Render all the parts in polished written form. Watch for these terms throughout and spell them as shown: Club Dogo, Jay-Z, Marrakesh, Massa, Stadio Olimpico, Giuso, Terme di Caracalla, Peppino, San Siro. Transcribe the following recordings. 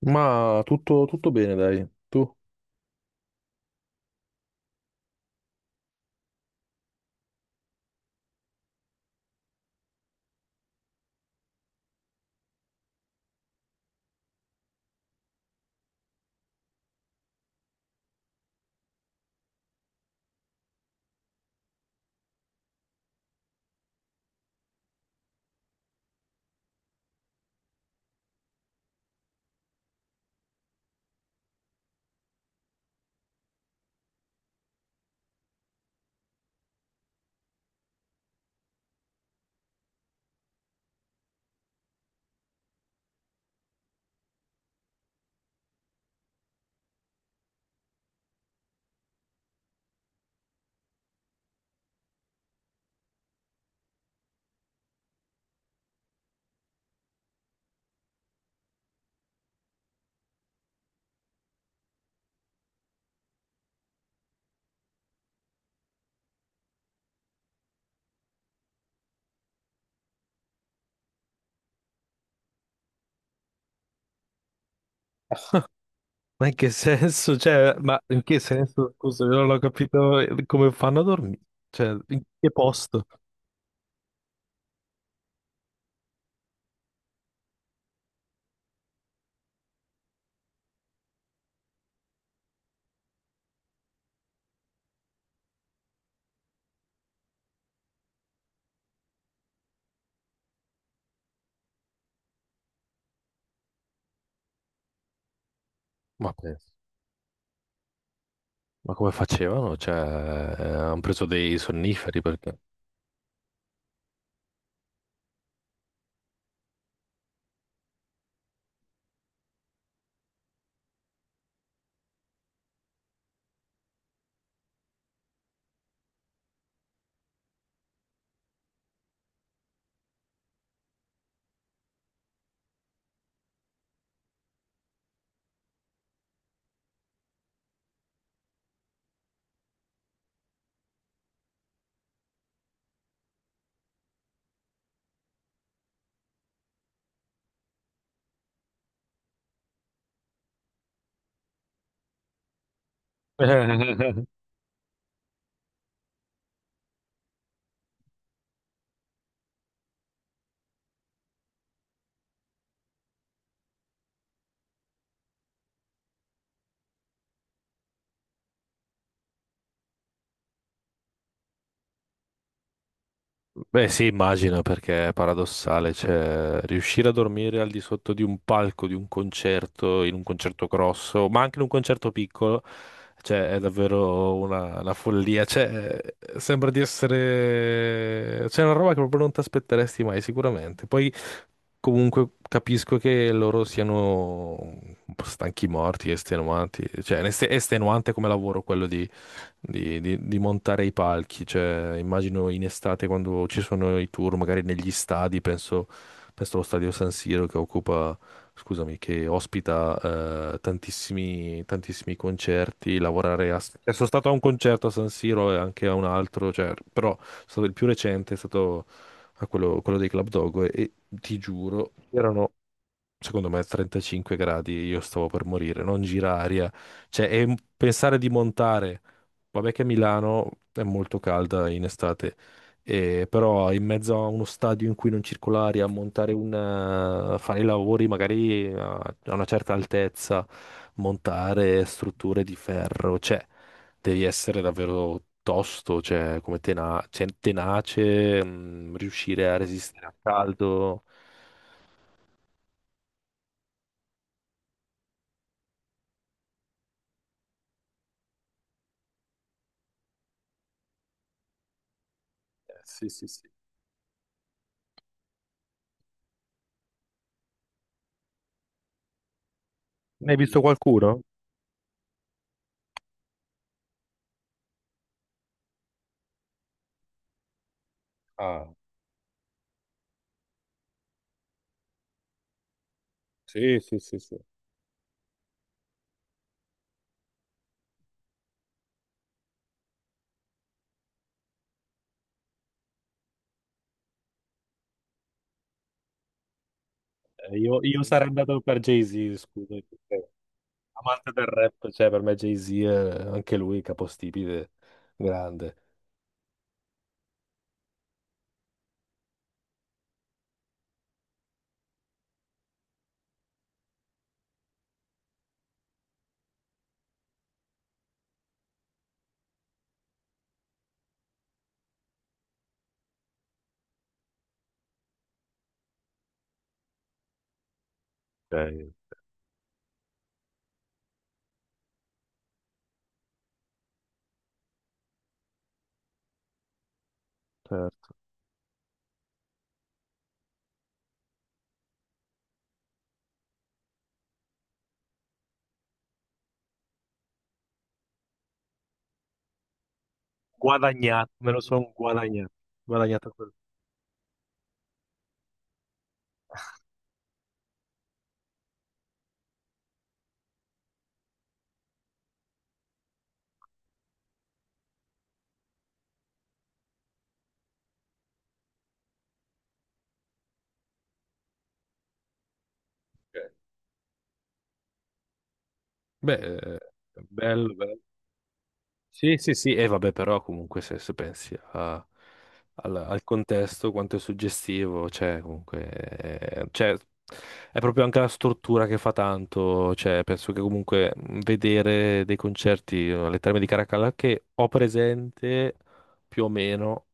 Ma tutto bene, dai. Tu? Ma in che senso? Ma in che senso? Scusa, io non ho capito come fanno a dormire. Cioè, in che posto? Ma, penso. Ma come facevano? Cioè, hanno preso dei sonniferi perché? Beh, sì, immagino perché è paradossale, cioè riuscire a dormire al di sotto di un palco, di un concerto, in un concerto grosso, ma anche in un concerto piccolo, cioè è davvero una follia, cioè sembra di essere c'è una roba che proprio non ti aspetteresti mai sicuramente. Poi comunque capisco che loro siano un po' stanchi morti, estenuanti, cioè è estenuante come lavoro quello di montare i palchi. Cioè, immagino in estate quando ci sono i tour, magari negli stadi, penso allo stadio San Siro che che ospita tantissimi, tantissimi concerti. Lavorare a, cioè, sono stato a un concerto a San Siro e anche a un altro, cioè, però sono stato il più recente è stato a quello dei Club Dogo e ti giuro, c'erano secondo me a 35 gradi, io stavo per morire, non gira aria. Cioè, pensare di montare, vabbè che Milano è molto calda in estate, e però in mezzo a uno stadio in cui non circola aria, montare un, fare i lavori magari a una certa altezza, montare strutture di ferro, cioè, devi essere davvero tosto, cioè, tenace, mm, riuscire a resistere al caldo. Sì, sì, sì. Ne hai visto qualcuno? Ah, sì, sì, sì, sì. Io sarei andato per Jay-Z, scusa, perché amante del rap, cioè per me Jay-Z è anche lui capostipite, grande. Ok. Eh, guadagnato, me lo sono guadagnato. Guadagnato quello. Ok. Beh, bello, bello. Sì, sì, sì, e vabbè, però comunque se pensi a al contesto, quanto è suggestivo, cioè, comunque, cioè, è proprio anche la struttura che fa tanto, cioè, penso che comunque vedere dei concerti alle Terme di Caracalla che ho presente più o meno,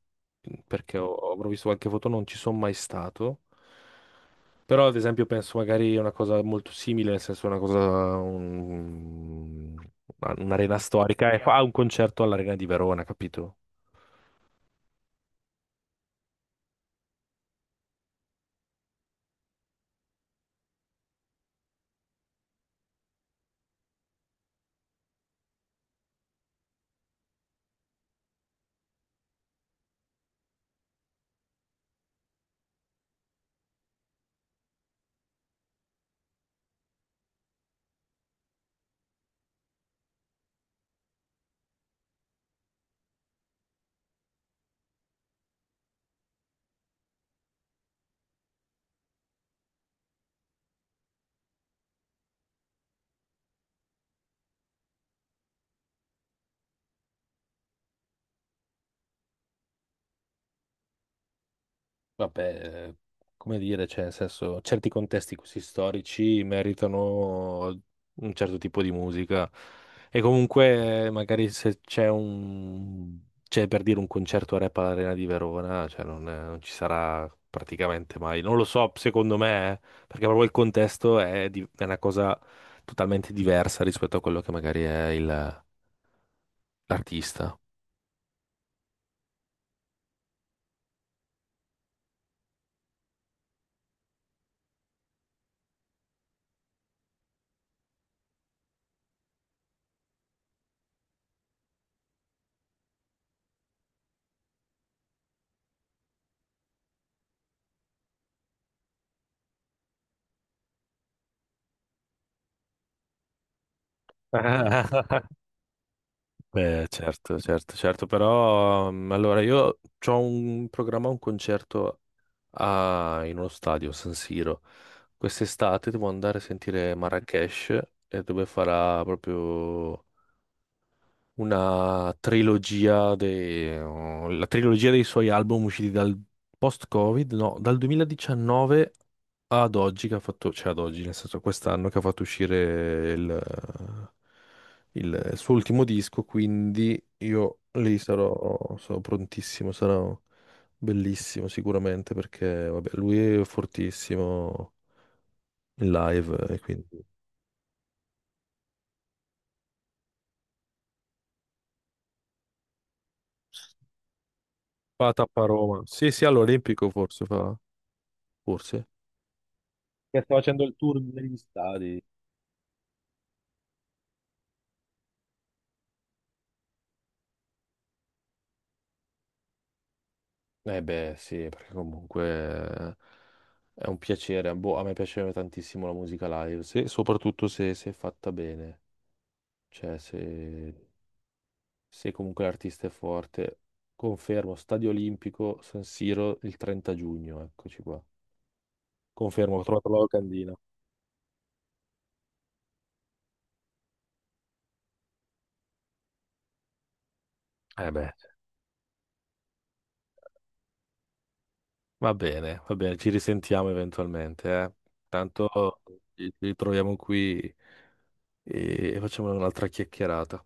perché ho visto qualche foto, non ci sono mai stato, però, ad esempio, penso magari a una cosa molto simile, nel senso una cosa, un- un'arena storica e fa un concerto all'Arena di Verona, capito? Vabbè, come dire, cioè, nel senso, certi contesti così storici meritano un certo tipo di musica. E comunque, magari se c'è un, c'è per dire un concerto rap all'Arena di Verona, cioè non, non ci sarà praticamente mai. Non lo so, secondo me, perché proprio il contesto è, è una cosa totalmente diversa rispetto a quello che magari è l'artista. Beh, certo, certo, certo, però mm, allora io ho un programma, un concerto in uno stadio, San Siro. Quest'estate devo andare a sentire Marrakesh e dove farà proprio una trilogia la trilogia dei suoi album usciti dal post-Covid, no, dal 2019 ad oggi che ha fatto, cioè ad oggi, nel senso quest'anno che ha fatto uscire il suo ultimo disco, quindi io lì sarò, sarò prontissimo, sarà bellissimo sicuramente perché vabbè, lui è fortissimo in live e quindi fa tappa a Roma. Sì, sì, all'Olimpico forse fa, forse. Che sta facendo il tour degli stadi. Eh beh, sì, perché comunque è un piacere. Boh, a me piace tantissimo la musica live, soprattutto se è fatta bene. Cioè, se comunque l'artista è forte. Confermo, Stadio Olimpico, San Siro, il 30 giugno, eccoci qua. Confermo, ho trovato la locandina. Eh beh, va bene, ci risentiamo eventualmente, eh. Tanto ci ritroviamo qui e facciamo un'altra chiacchierata.